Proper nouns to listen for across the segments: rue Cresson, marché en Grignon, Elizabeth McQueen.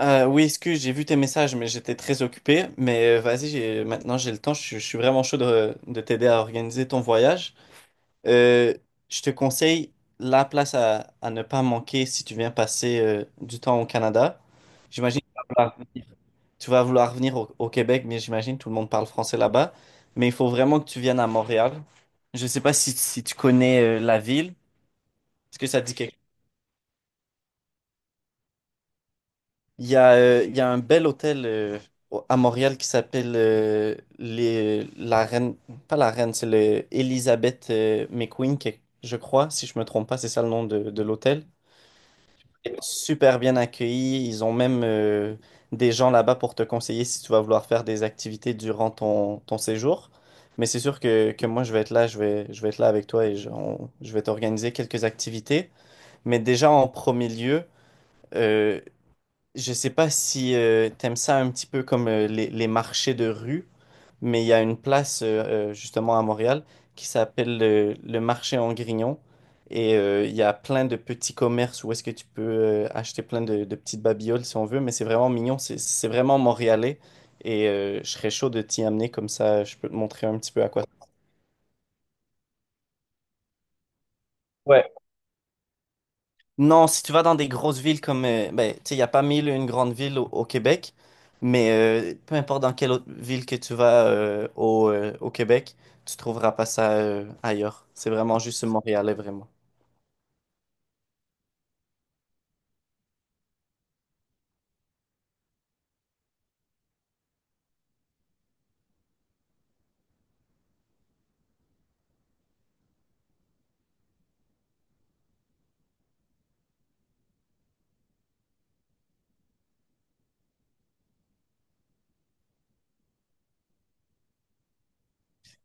Oui, excuse, j'ai vu tes messages, mais j'étais très occupé. Mais vas-y, maintenant j'ai le temps. Je suis vraiment chaud de t'aider à organiser ton voyage. Euh, je te conseille la place à ne pas manquer si tu viens passer du temps au Canada. J'imagine que tu vas vouloir venir, tu vas vouloir venir au Québec, mais j'imagine que tout le monde parle français là-bas. Mais il faut vraiment que tu viennes à Montréal. Je ne sais pas si tu connais la ville. Est-ce que ça te dit quelque. Il y a un bel hôtel à Montréal qui s'appelle la Reine, pas la Reine, c'est le Elizabeth McQueen, je crois, si je me trompe pas, c'est ça le nom de l'hôtel. Et super bien accueilli, ils ont même des gens là-bas pour te conseiller si tu vas vouloir faire des activités durant ton séjour. Mais c'est sûr que moi je vais être là, je vais être là avec toi et je vais t'organiser quelques activités. Mais déjà en premier lieu, euh, je sais pas si t'aimes ça un petit peu comme les marchés de rue, mais il y a une place justement à Montréal qui s'appelle le marché en Grignon. Et il y a plein de petits commerces où est-ce que tu peux acheter plein de petites babioles si on veut, mais c'est vraiment mignon, c'est vraiment montréalais. Et je serais chaud de t'y amener comme ça, je peux te montrer un petit peu à quoi. Non, si tu vas dans des grosses villes comme, ben, tu sais, il n'y a pas mille et une grande ville au Québec, mais peu importe dans quelle autre ville que tu vas au Québec, tu trouveras pas ça ailleurs. C'est vraiment juste montréalais, vraiment.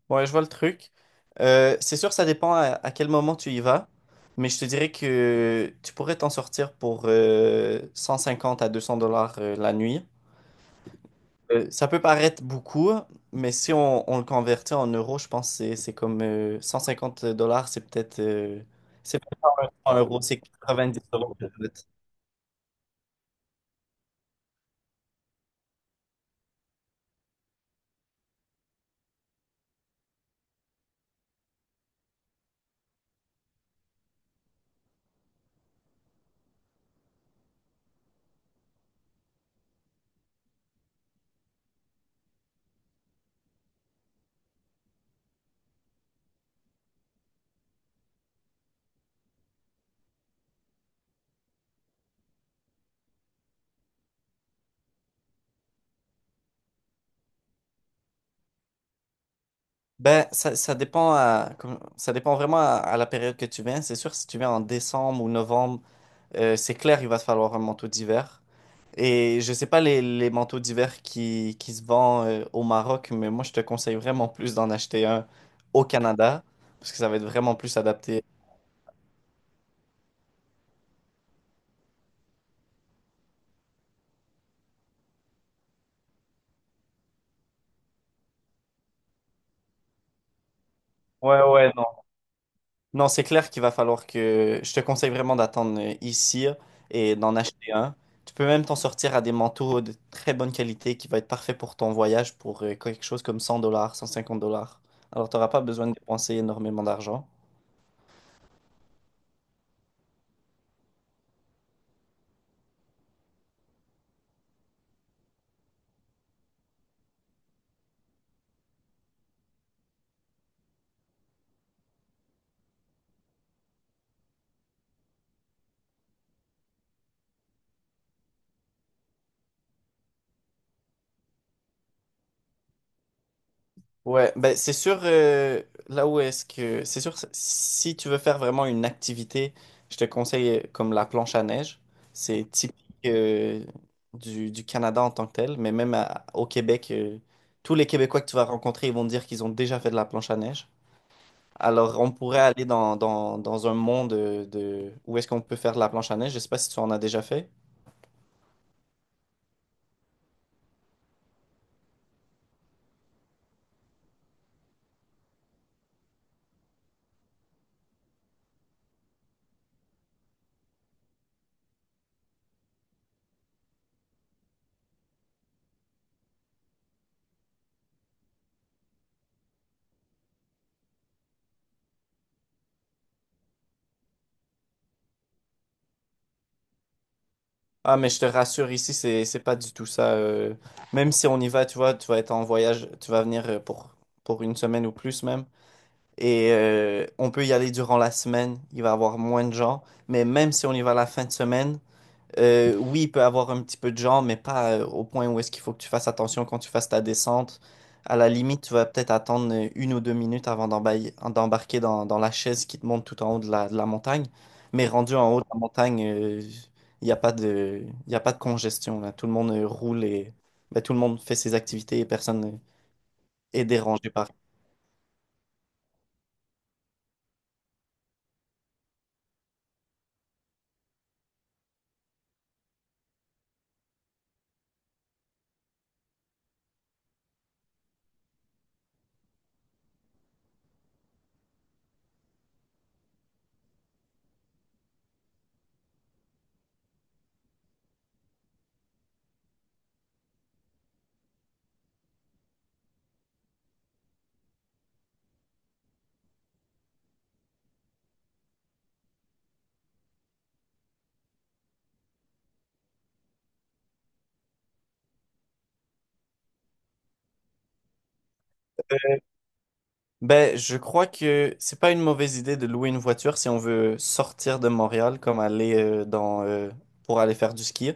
Ouais, je vois le truc. C'est sûr, ça dépend à quel moment tu y vas, mais je te dirais que tu pourrais t'en sortir pour 150 à 200 dollars la nuit. Ça peut paraître beaucoup, mais si on le convertit en euros, je pense que c'est comme 150 dollars, c'est peut-être, c'est pas en euros, c'est 90 euros peut-être. Ben, ça dépend ça dépend vraiment à la période que tu viens. C'est sûr, si tu viens en décembre ou novembre, c'est clair, il va te falloir un manteau d'hiver. Et je sais pas les manteaux d'hiver qui se vendent au Maroc, mais moi, je te conseille vraiment plus d'en acheter un au Canada, parce que ça va être vraiment plus adapté. Ouais, ouais, non. Non, c'est clair qu'il va falloir que... Je te conseille vraiment d'attendre ici et d'en acheter un. Tu peux même t'en sortir à des manteaux de très bonne qualité qui va être parfait pour ton voyage pour quelque chose comme 100 dollars, 150 dollars. Alors, tu n'auras pas besoin de dépenser énormément d'argent. Ouais, ben c'est sûr, là où est-ce que... C'est sûr, si tu veux faire vraiment une activité, je te conseille comme la planche à neige. C'est typique euh, du Canada en tant que tel, mais même au Québec, tous les Québécois que tu vas rencontrer, ils vont te dire qu'ils ont déjà fait de la planche à neige. Alors, on pourrait aller dans un monde où est-ce qu'on peut faire de la planche à neige. Je sais pas si tu en as déjà fait. Ah, mais je te rassure, ici, c'est pas du tout ça. Même si on y va, tu vois, tu vas être en voyage, tu vas venir pour une semaine ou plus même. Et on peut y aller durant la semaine, il va y avoir moins de gens. Mais même si on y va la fin de semaine, oui, il peut avoir un petit peu de genre, mais pas au point où est-ce qu'il faut que tu fasses attention quand tu fasses ta descente. À la limite, tu vas peut-être attendre une ou deux minutes avant d'embarquer dans la chaise qui te monte tout en haut de de la montagne. Mais rendu en haut de la montagne, il n'y a pas de, il y a pas de congestion, là. Tout le monde roule et ben, tout le monde fait ses activités et personne est dérangé par. Ben, je crois que c'est pas une mauvaise idée de louer une voiture si on veut sortir de Montréal, comme aller pour aller faire du ski.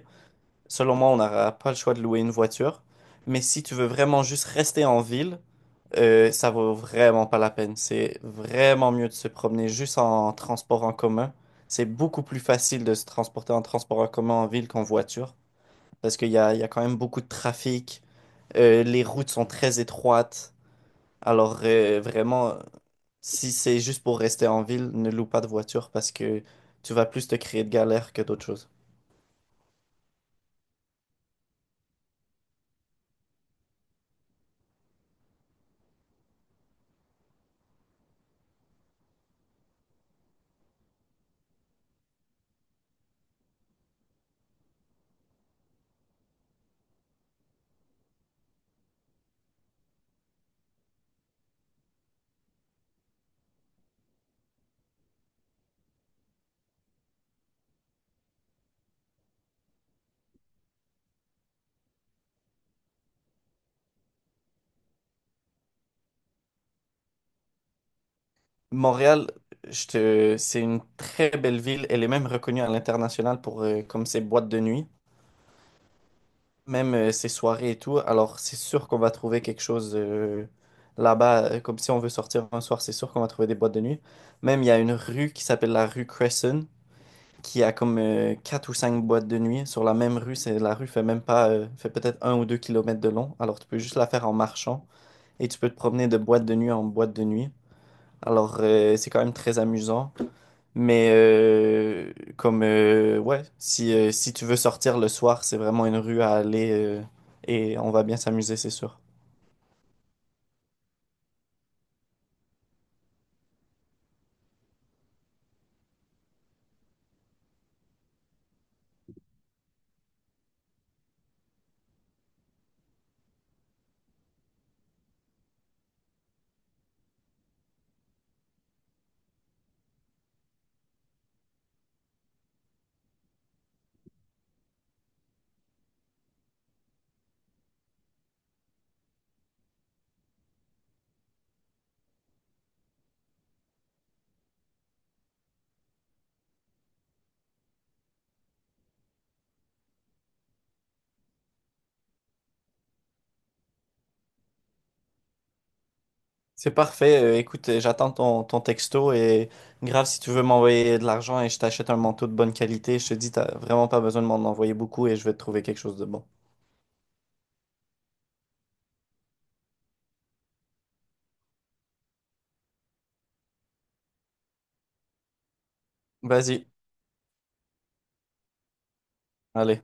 Selon moi, on n'aura pas le choix de louer une voiture. Mais si tu veux vraiment juste rester en ville, ça vaut vraiment pas la peine. C'est vraiment mieux de se promener juste en transport en commun. C'est beaucoup plus facile de se transporter en transport en commun en ville qu'en voiture. Parce qu'il y a quand même beaucoup de trafic. Les routes sont très étroites. Alors vraiment, si c'est juste pour rester en ville, ne loue pas de voiture parce que tu vas plus te créer de galères que d'autres choses. Montréal, c'est une très belle ville. Elle est même reconnue à l'international pour comme ses boîtes de nuit, même ses soirées et tout. Alors, c'est sûr qu'on va trouver quelque chose là-bas. Comme si on veut sortir un soir, c'est sûr qu'on va trouver des boîtes de nuit. Même, il y a une rue qui s'appelle la rue Cresson, qui a comme quatre ou cinq boîtes de nuit sur la même rue. La rue fait même pas, fait peut-être un ou deux kilomètres de long. Alors, tu peux juste la faire en marchant et tu peux te promener de boîte de nuit en boîte de nuit. Alors, c'est quand même très amusant. Mais comme ouais, si si tu veux sortir le soir, c'est vraiment une rue à aller et on va bien s'amuser, c'est sûr. C'est parfait. Écoute, j'attends ton texto et grave si tu veux m'envoyer de l'argent et je t'achète un manteau de bonne qualité, je te dis t'as vraiment pas besoin de m'en envoyer beaucoup et je vais te trouver quelque chose de bon. Vas-y, allez.